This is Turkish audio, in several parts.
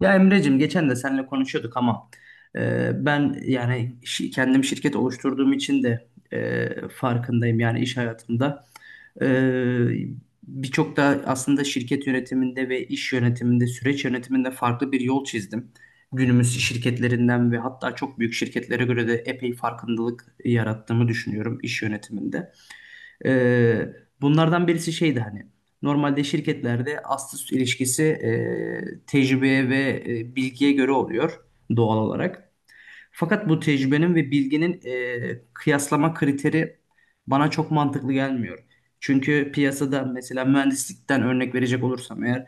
Ya Emre'cim geçen de seninle konuşuyorduk ama, ben yani kendim şirket oluşturduğum için de, farkındayım yani iş hayatımda. E, birçok da aslında şirket yönetiminde ve iş yönetiminde, süreç yönetiminde farklı bir yol çizdim. Günümüz şirketlerinden ve hatta çok büyük şirketlere göre de epey farkındalık yarattığımı düşünüyorum iş yönetiminde. Ee, bunlardan birisi şeydi, hani normalde şirketlerde ast üst ilişkisi, tecrübeye ve, bilgiye göre oluyor doğal olarak. Fakat bu tecrübenin ve bilginin, kıyaslama kriteri bana çok mantıklı gelmiyor. Çünkü piyasada mesela mühendislikten örnek verecek olursam eğer,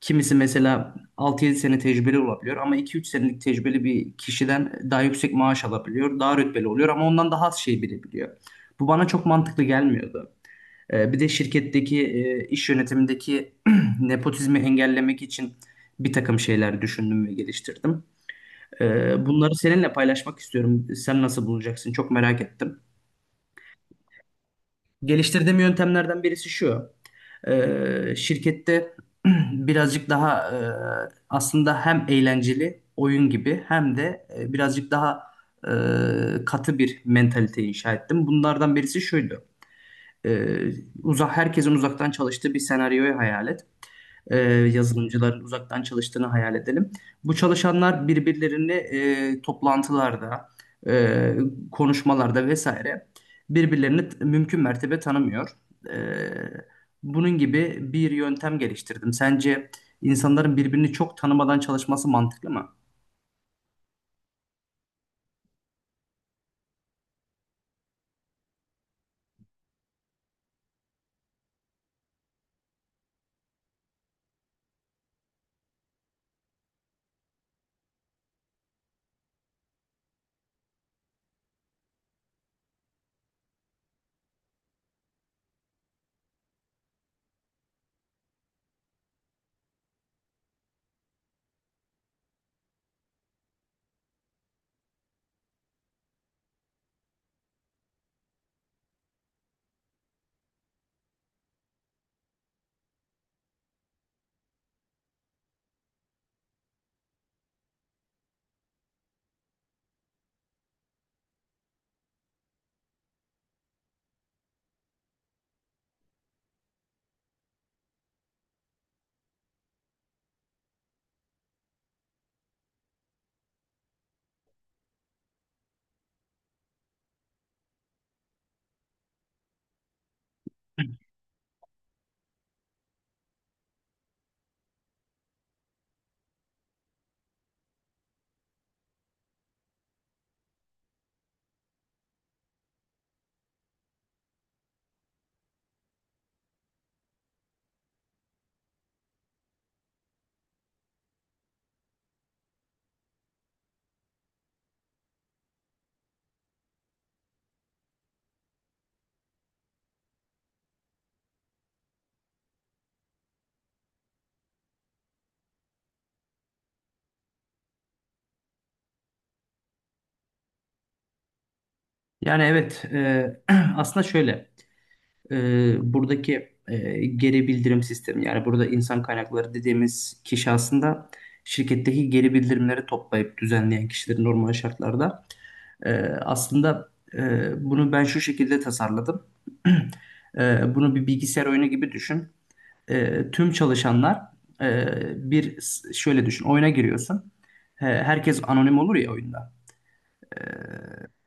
kimisi mesela 6 yedi sene tecrübeli olabiliyor ama iki üç senelik tecrübeli bir kişiden daha yüksek maaş alabiliyor, daha rütbeli oluyor ama ondan daha az şey bilebiliyor. Bu bana çok mantıklı gelmiyordu. Bir de şirketteki, iş yönetimindeki nepotizmi engellemek için bir takım şeyler düşündüm ve geliştirdim. Bunları seninle paylaşmak istiyorum. Sen nasıl bulacaksın? Çok merak ettim. Geliştirdiğim yöntemlerden birisi şu. Şirkette birazcık daha, aslında hem eğlenceli oyun gibi hem de, birazcık daha, katı bir mentalite inşa ettim. Bunlardan birisi şuydu. Ee, uzak herkesin uzaktan çalıştığı bir senaryoyu hayal et. Yazılımcıların uzaktan çalıştığını hayal edelim. Bu çalışanlar birbirlerini, toplantılarda, e, konuşmalarda vesaire, birbirlerini mümkün mertebe tanımıyor. E, bunun gibi bir yöntem geliştirdim. Sence insanların birbirini çok tanımadan çalışması mantıklı mı? Yani evet, aslında şöyle. e, buradaki, geri bildirim sistemi, yani burada insan kaynakları dediğimiz kişi aslında şirketteki geri bildirimleri toplayıp düzenleyen kişiler normal şartlarda. E, aslında, bunu ben şu şekilde tasarladım. Bunu bir bilgisayar oyunu gibi düşün. Tüm çalışanlar, e, bir şöyle düşün, oyuna giriyorsun. Herkes anonim olur ya oyunda.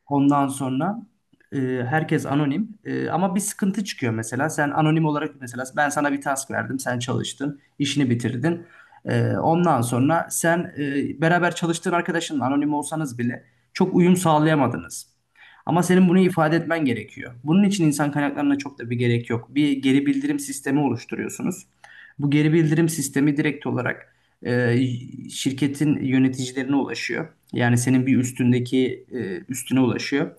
Ondan sonra, e, herkes anonim. Ama bir sıkıntı çıkıyor mesela. Sen anonim olarak, mesela ben sana bir task verdim. Sen çalıştın, işini bitirdin. Ondan sonra sen, beraber çalıştığın arkadaşınla anonim olsanız bile çok uyum sağlayamadınız. Ama senin bunu ifade etmen gerekiyor. Bunun için insan kaynaklarına çok da bir gerek yok. Bir geri bildirim sistemi oluşturuyorsunuz. Bu geri bildirim sistemi direkt olarak, e, şirketin yöneticilerine ulaşıyor. Yani senin bir üstüne ulaşıyor.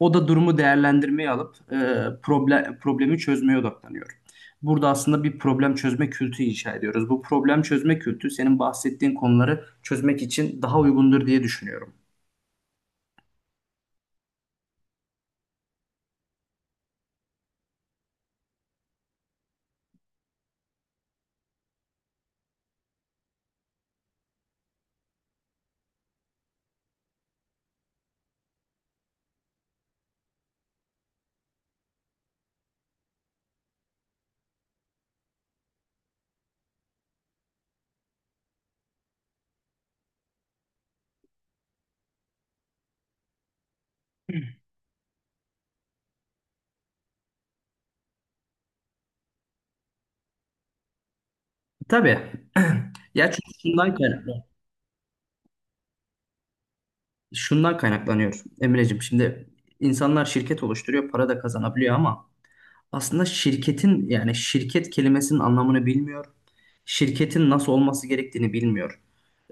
O da durumu değerlendirmeye alıp, problemi çözmeye odaklanıyor. Burada aslında bir problem çözme kültürü inşa ediyoruz. Bu problem çözme kültürü senin bahsettiğin konuları çözmek için daha uygundur diye düşünüyorum. Tabii. Ya çünkü şundan kaynaklanıyor. Şundan kaynaklanıyor Emreciğim. Şimdi insanlar şirket oluşturuyor, para da kazanabiliyor ama aslında şirketin yani şirket kelimesinin anlamını bilmiyor. Şirketin nasıl olması gerektiğini bilmiyor.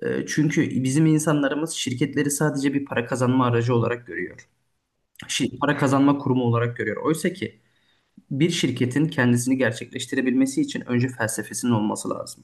Çünkü bizim insanlarımız şirketleri sadece bir para kazanma aracı olarak görüyor. Para kazanma kurumu olarak görüyor. Oysa ki bir şirketin kendisini gerçekleştirebilmesi için önce felsefesinin olması lazım.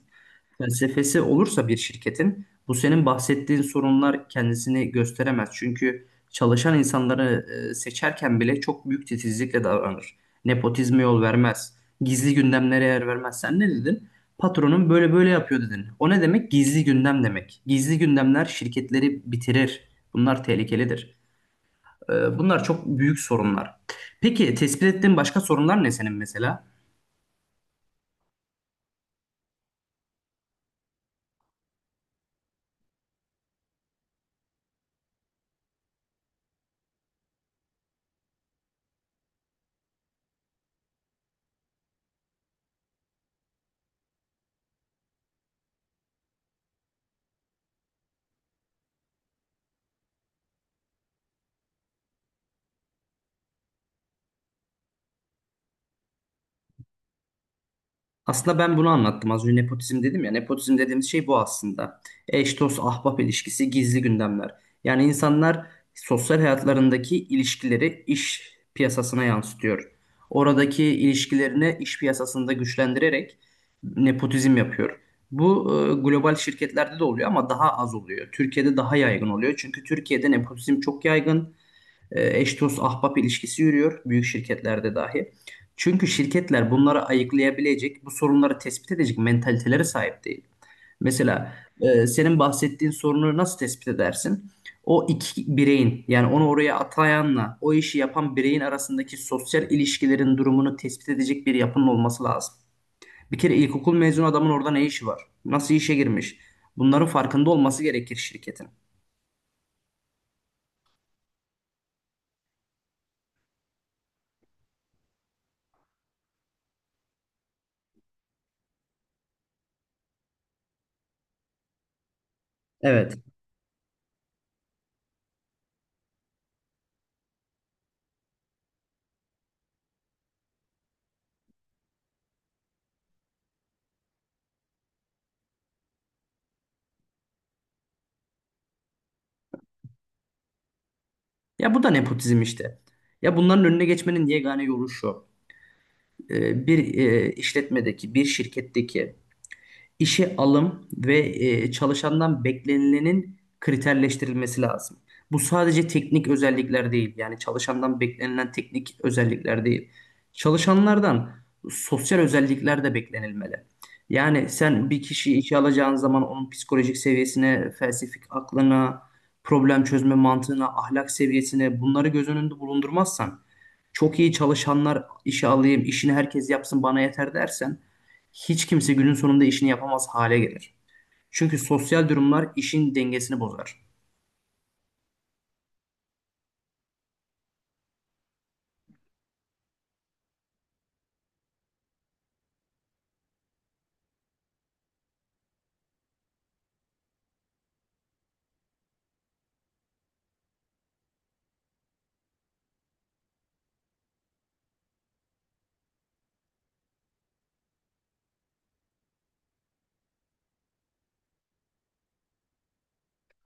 Felsefesi olursa bir şirketin, bu senin bahsettiğin sorunlar kendisini gösteremez. Çünkü çalışan insanları, seçerken bile çok büyük titizlikle davranır. Nepotizme yol vermez. Gizli gündemlere yer vermez. Sen ne dedin? Patronun böyle böyle yapıyor dedin. O ne demek? Gizli gündem demek. Gizli gündemler şirketleri bitirir. Bunlar tehlikelidir. Bunlar çok büyük sorunlar. Peki tespit ettiğin başka sorunlar ne senin mesela? Aslında ben bunu anlattım. Az önce nepotizm dedim ya. Nepotizm dediğimiz şey bu aslında. Eş, dost, ahbap ilişkisi, gizli gündemler. Yani insanlar sosyal hayatlarındaki ilişkileri iş piyasasına yansıtıyor. Oradaki ilişkilerini iş piyasasında güçlendirerek nepotizm yapıyor. Bu, global şirketlerde de oluyor ama daha az oluyor. Türkiye'de daha yaygın oluyor. Çünkü Türkiye'de nepotizm çok yaygın, eş dost ahbap ilişkisi yürüyor büyük şirketlerde dahi. Çünkü şirketler bunları ayıklayabilecek, bu sorunları tespit edecek mentalitelere sahip değil. Mesela, senin bahsettiğin sorunu nasıl tespit edersin? O iki bireyin, yani onu oraya atayanla o işi yapan bireyin arasındaki sosyal ilişkilerin durumunu tespit edecek bir yapının olması lazım. Bir kere ilkokul mezunu adamın orada ne işi var? Nasıl işe girmiş? Bunların farkında olması gerekir şirketin. Evet. Ya bu da nepotizm işte. Ya bunların önüne geçmenin yegane yolu şu. Bir şirketteki işe alım ve, çalışandan beklenilenin kriterleştirilmesi lazım. Bu sadece teknik özellikler değil. Yani çalışandan beklenilen teknik özellikler değil. Çalışanlardan sosyal özellikler de beklenilmeli. Yani sen bir kişiyi işe alacağın zaman onun psikolojik seviyesine, felsefik aklına, problem çözme mantığına, ahlak seviyesine bunları göz önünde bulundurmazsan, çok iyi çalışanlar işe alayım, işini herkes yapsın bana yeter dersen, hiç kimse günün sonunda işini yapamaz hale gelir. Çünkü sosyal durumlar işin dengesini bozar.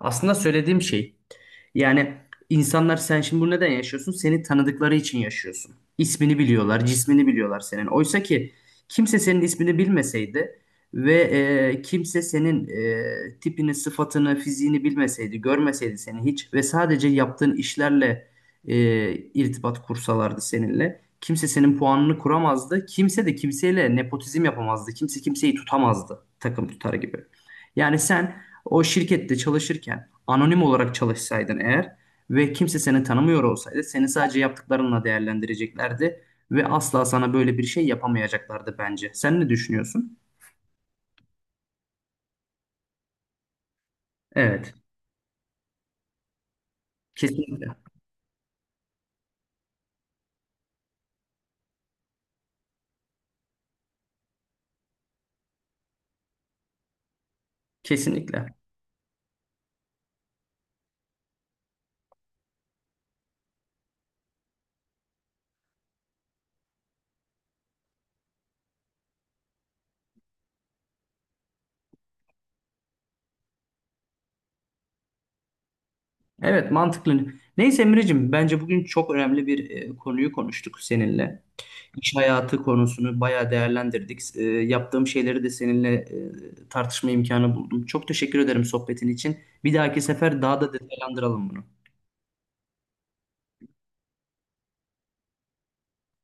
Aslında söylediğim şey, yani insanlar, sen şimdi bunu neden yaşıyorsun? Seni tanıdıkları için yaşıyorsun. İsmini biliyorlar, cismini biliyorlar senin. Oysa ki kimse senin ismini bilmeseydi ve, kimse senin, tipini, sıfatını, fiziğini bilmeseydi, görmeseydi seni hiç ve sadece yaptığın işlerle, irtibat kursalardı seninle. Kimse senin puanını kuramazdı. Kimse de kimseyle nepotizm yapamazdı. Kimse kimseyi tutamazdı takım tutar gibi. Yani sen o şirkette çalışırken anonim olarak çalışsaydın eğer ve kimse seni tanımıyor olsaydı, seni sadece yaptıklarınla değerlendireceklerdi ve asla sana böyle bir şey yapamayacaklardı bence. Sen ne düşünüyorsun? Evet, kesinlikle. Kesinlikle. Evet, mantıklı. Neyse Emre'cim, bence bugün çok önemli bir, konuyu konuştuk seninle. İş hayatı konusunu bayağı değerlendirdik. Yaptığım şeyleri de seninle, tartışma imkanı buldum. Çok teşekkür ederim sohbetin için. Bir dahaki sefer daha da detaylandıralım bunu.